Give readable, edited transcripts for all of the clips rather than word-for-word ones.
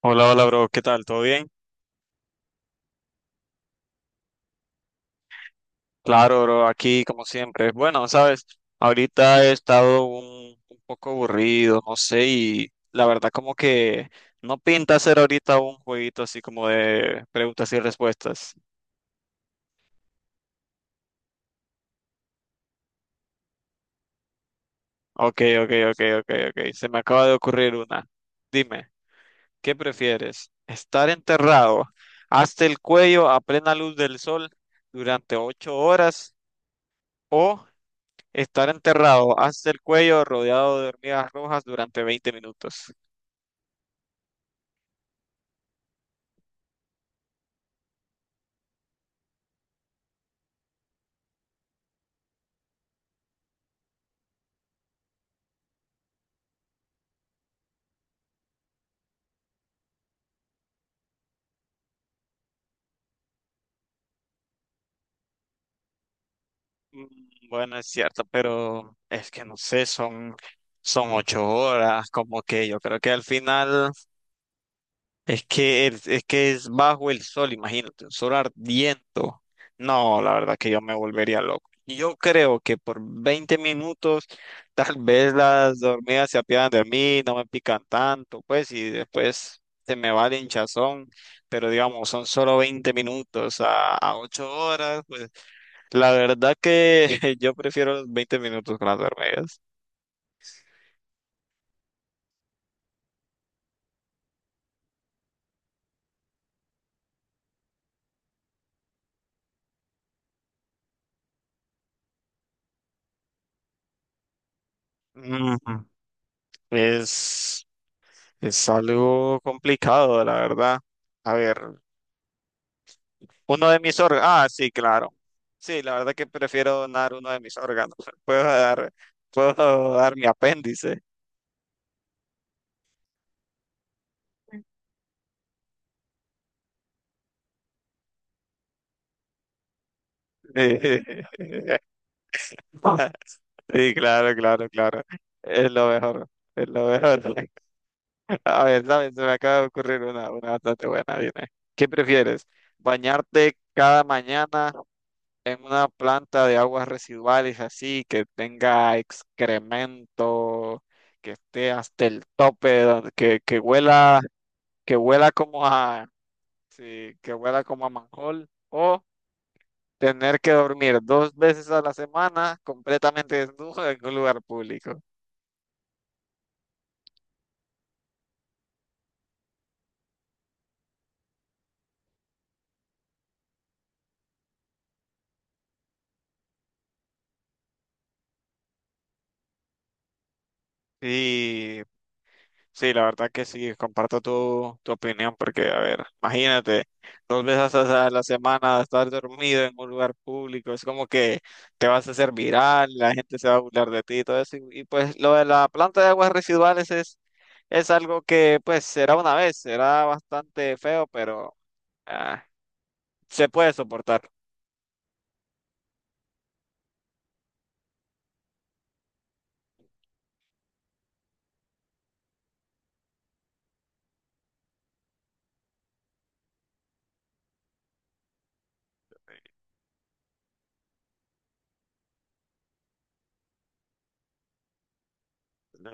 Hola, hola, bro, ¿qué tal? ¿Todo bien? Claro, bro, aquí como siempre. Bueno, sabes, ahorita he estado un poco aburrido, no sé, y la verdad como que no pinta hacer ahorita un jueguito así como de preguntas y respuestas. Ok, ok, ok, ok, ok. Se me acaba de ocurrir una. Dime, ¿qué prefieres? ¿Estar enterrado hasta el cuello a plena luz del sol durante ocho horas, o estar enterrado hasta el cuello rodeado de hormigas rojas durante 20 minutos? Mm, Bueno, es cierto, pero es que no sé, son ocho horas, como que yo creo que al final... Es que es que es bajo el sol, imagínate, un sol ardiendo. No, la verdad que yo me volvería loco. Yo creo que por 20 minutos tal vez las hormigas se apiadan de mí, no me pican tanto, pues, y después se me va el hinchazón, pero digamos, son solo 20 minutos a 8 horas, pues, la verdad que yo prefiero los 20 minutos con las hormigas. Ujú. Es, es algo complicado, la verdad. A ver. Uno de mis órganos. Ah, sí, claro. Sí, la verdad que prefiero donar uno de mis órganos. Puedo dar, puedo dar mi apéndice. Sí, sí, claro, claro, claro. Es lo mejor. Es lo mejor. A ver, ¿sabes? Se me acaba de ocurrir una bastante buena. Dime. ¿Qué prefieres? ¿Bañarte cada mañana en una planta de aguas residuales así, que tenga excremento, que esté hasta el tope, que huela? Que huela como a... sí, que huela como a manjol, o tener que dormir dos veces a la semana completamente desnudo en un lugar público. Y sí, la verdad que sí, comparto tu opinión, porque, a ver, imagínate, dos veces a la semana estar dormido en un lugar público, es como que te vas a hacer viral, la gente se va a burlar de ti y todo eso. Y pues lo de la planta de aguas residuales es algo que pues será una vez, será bastante feo, pero... ah, se puede soportar.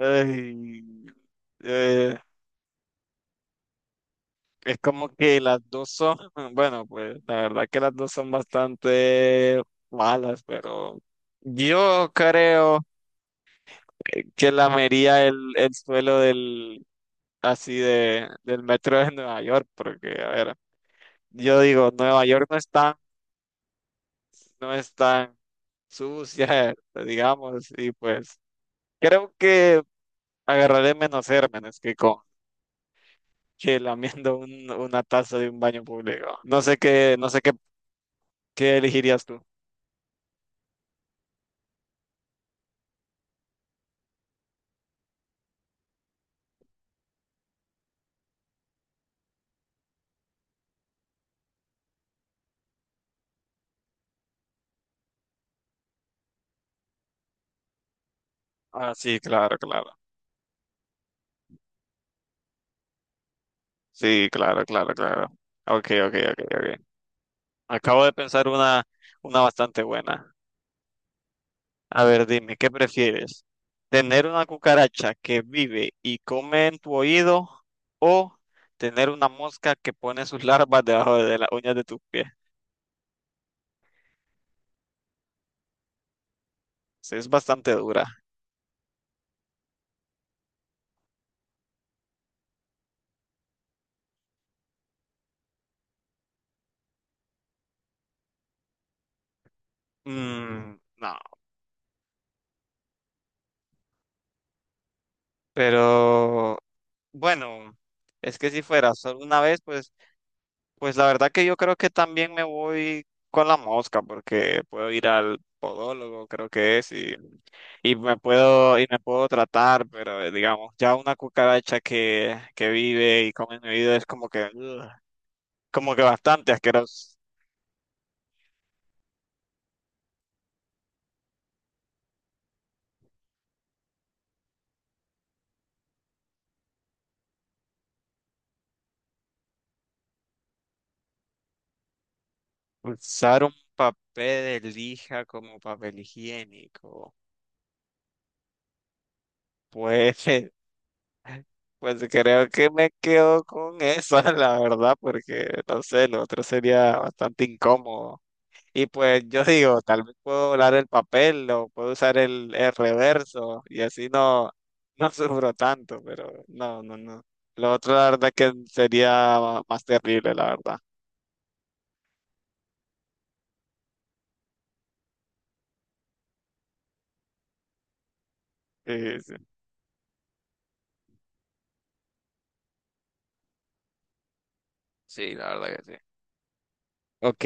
Ay, eh, es como que las dos son, bueno, pues la verdad que las dos son bastante malas, pero yo creo que lamería el suelo del, así de, del metro de Nueva York, porque, a ver, yo digo, Nueva York no es tan, no es tan sucia, digamos, y pues creo que agarraré menos gérmenes que con que lamiendo una taza de un baño público. No sé qué, no sé qué, qué elegirías tú. Ah, sí, claro, claro. Sí, claro, claro, claro. Ok, ok, ok, ok. Acabo de pensar una bastante buena. A ver, dime, ¿qué prefieres? ¿Tener una cucaracha que vive y come en tu oído, o tener una mosca que pone sus larvas debajo de las uñas de tus pies? Sí, es bastante dura. Mm, no, pero... Bueno, es que si fuera solo una vez, pues, pues la verdad que yo creo que también me voy con la mosca, porque puedo ir al podólogo, creo que es, y me puedo tratar, pero digamos, ya una cucaracha que vive y come en mi vida es como que, ugh, como que bastante asqueroso. Usar un papel de lija como papel higiénico. Pues pues creo que me quedo con esa, la verdad, porque no sé, lo otro sería bastante incómodo. Y pues yo digo, tal vez puedo volar el papel o puedo usar el reverso y así no, no sufro tanto, pero no, no, no. Lo otro, la verdad, que sería más terrible, la verdad. Sí, sí, sí, la verdad que sí. Ok,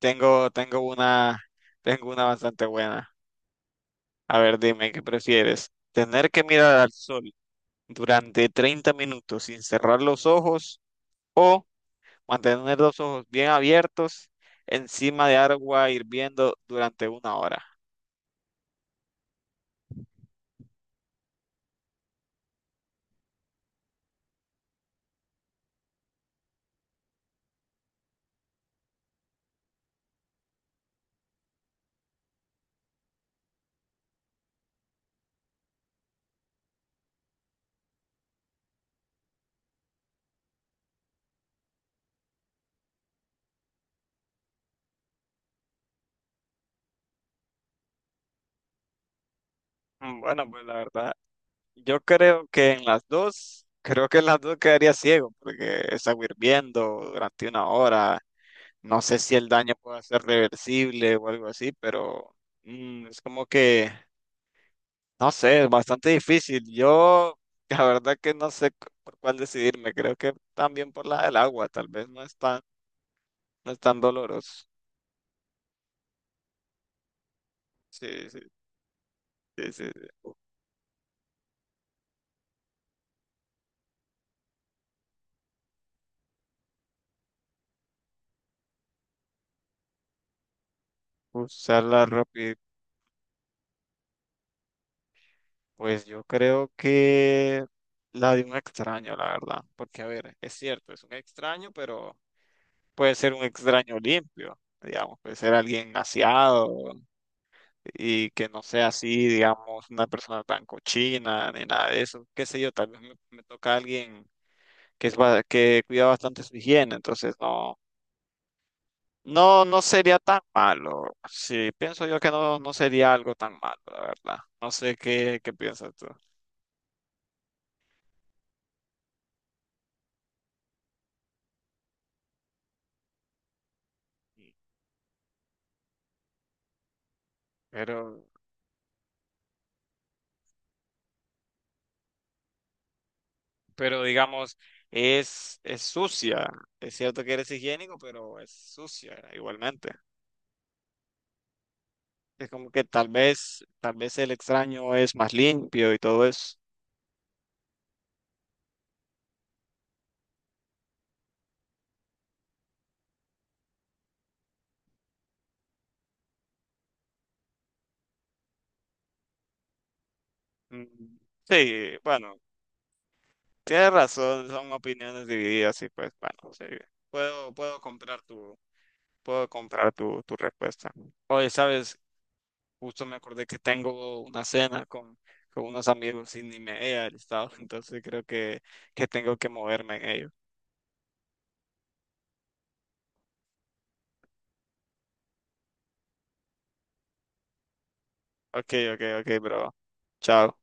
tengo, tengo una bastante buena. A ver, dime, ¿qué prefieres? ¿Tener que mirar al sol durante 30 minutos sin cerrar los ojos, o mantener los ojos bien abiertos encima de agua hirviendo durante una hora? Bueno, pues la verdad, yo creo que en las dos, creo que en las dos quedaría ciego porque es agua hirviendo durante una hora. No sé si el daño puede ser reversible o algo así, pero... mm, es como que... No sé, es bastante difícil. Yo, la verdad que no sé por cuál decidirme. Creo que también por la del agua, tal vez no es tan, no es tan doloroso. Sí, sí, sí, sí, sí. Usarla rápido. Pues yo creo que la de un extraño, la verdad. Porque, a ver, es cierto, es un extraño, pero puede ser un extraño limpio, digamos. Puede ser alguien aseado y que no sea así, digamos, una persona tan cochina ni nada de eso. Qué sé yo, tal vez me toca a alguien que, que cuida bastante su higiene, entonces no, no, no sería tan malo. Sí, pienso yo que no, no sería algo tan malo, la verdad. No sé qué, qué piensas tú. Pero, pero digamos, es sucia. Es cierto que eres higiénico, pero es sucia igualmente. Es como que tal vez el extraño es más limpio y todo eso. Mm, sí, bueno, tienes razón, son opiniones divididas y pues bueno, sí, puedo, puedo comprar tu, puedo comprar tu respuesta. Oye, sabes, justo me acordé que tengo una cena con unos amigos y ni me he alistado, entonces creo que tengo que moverme en ello. Ok, ok, ok, bro. Chao.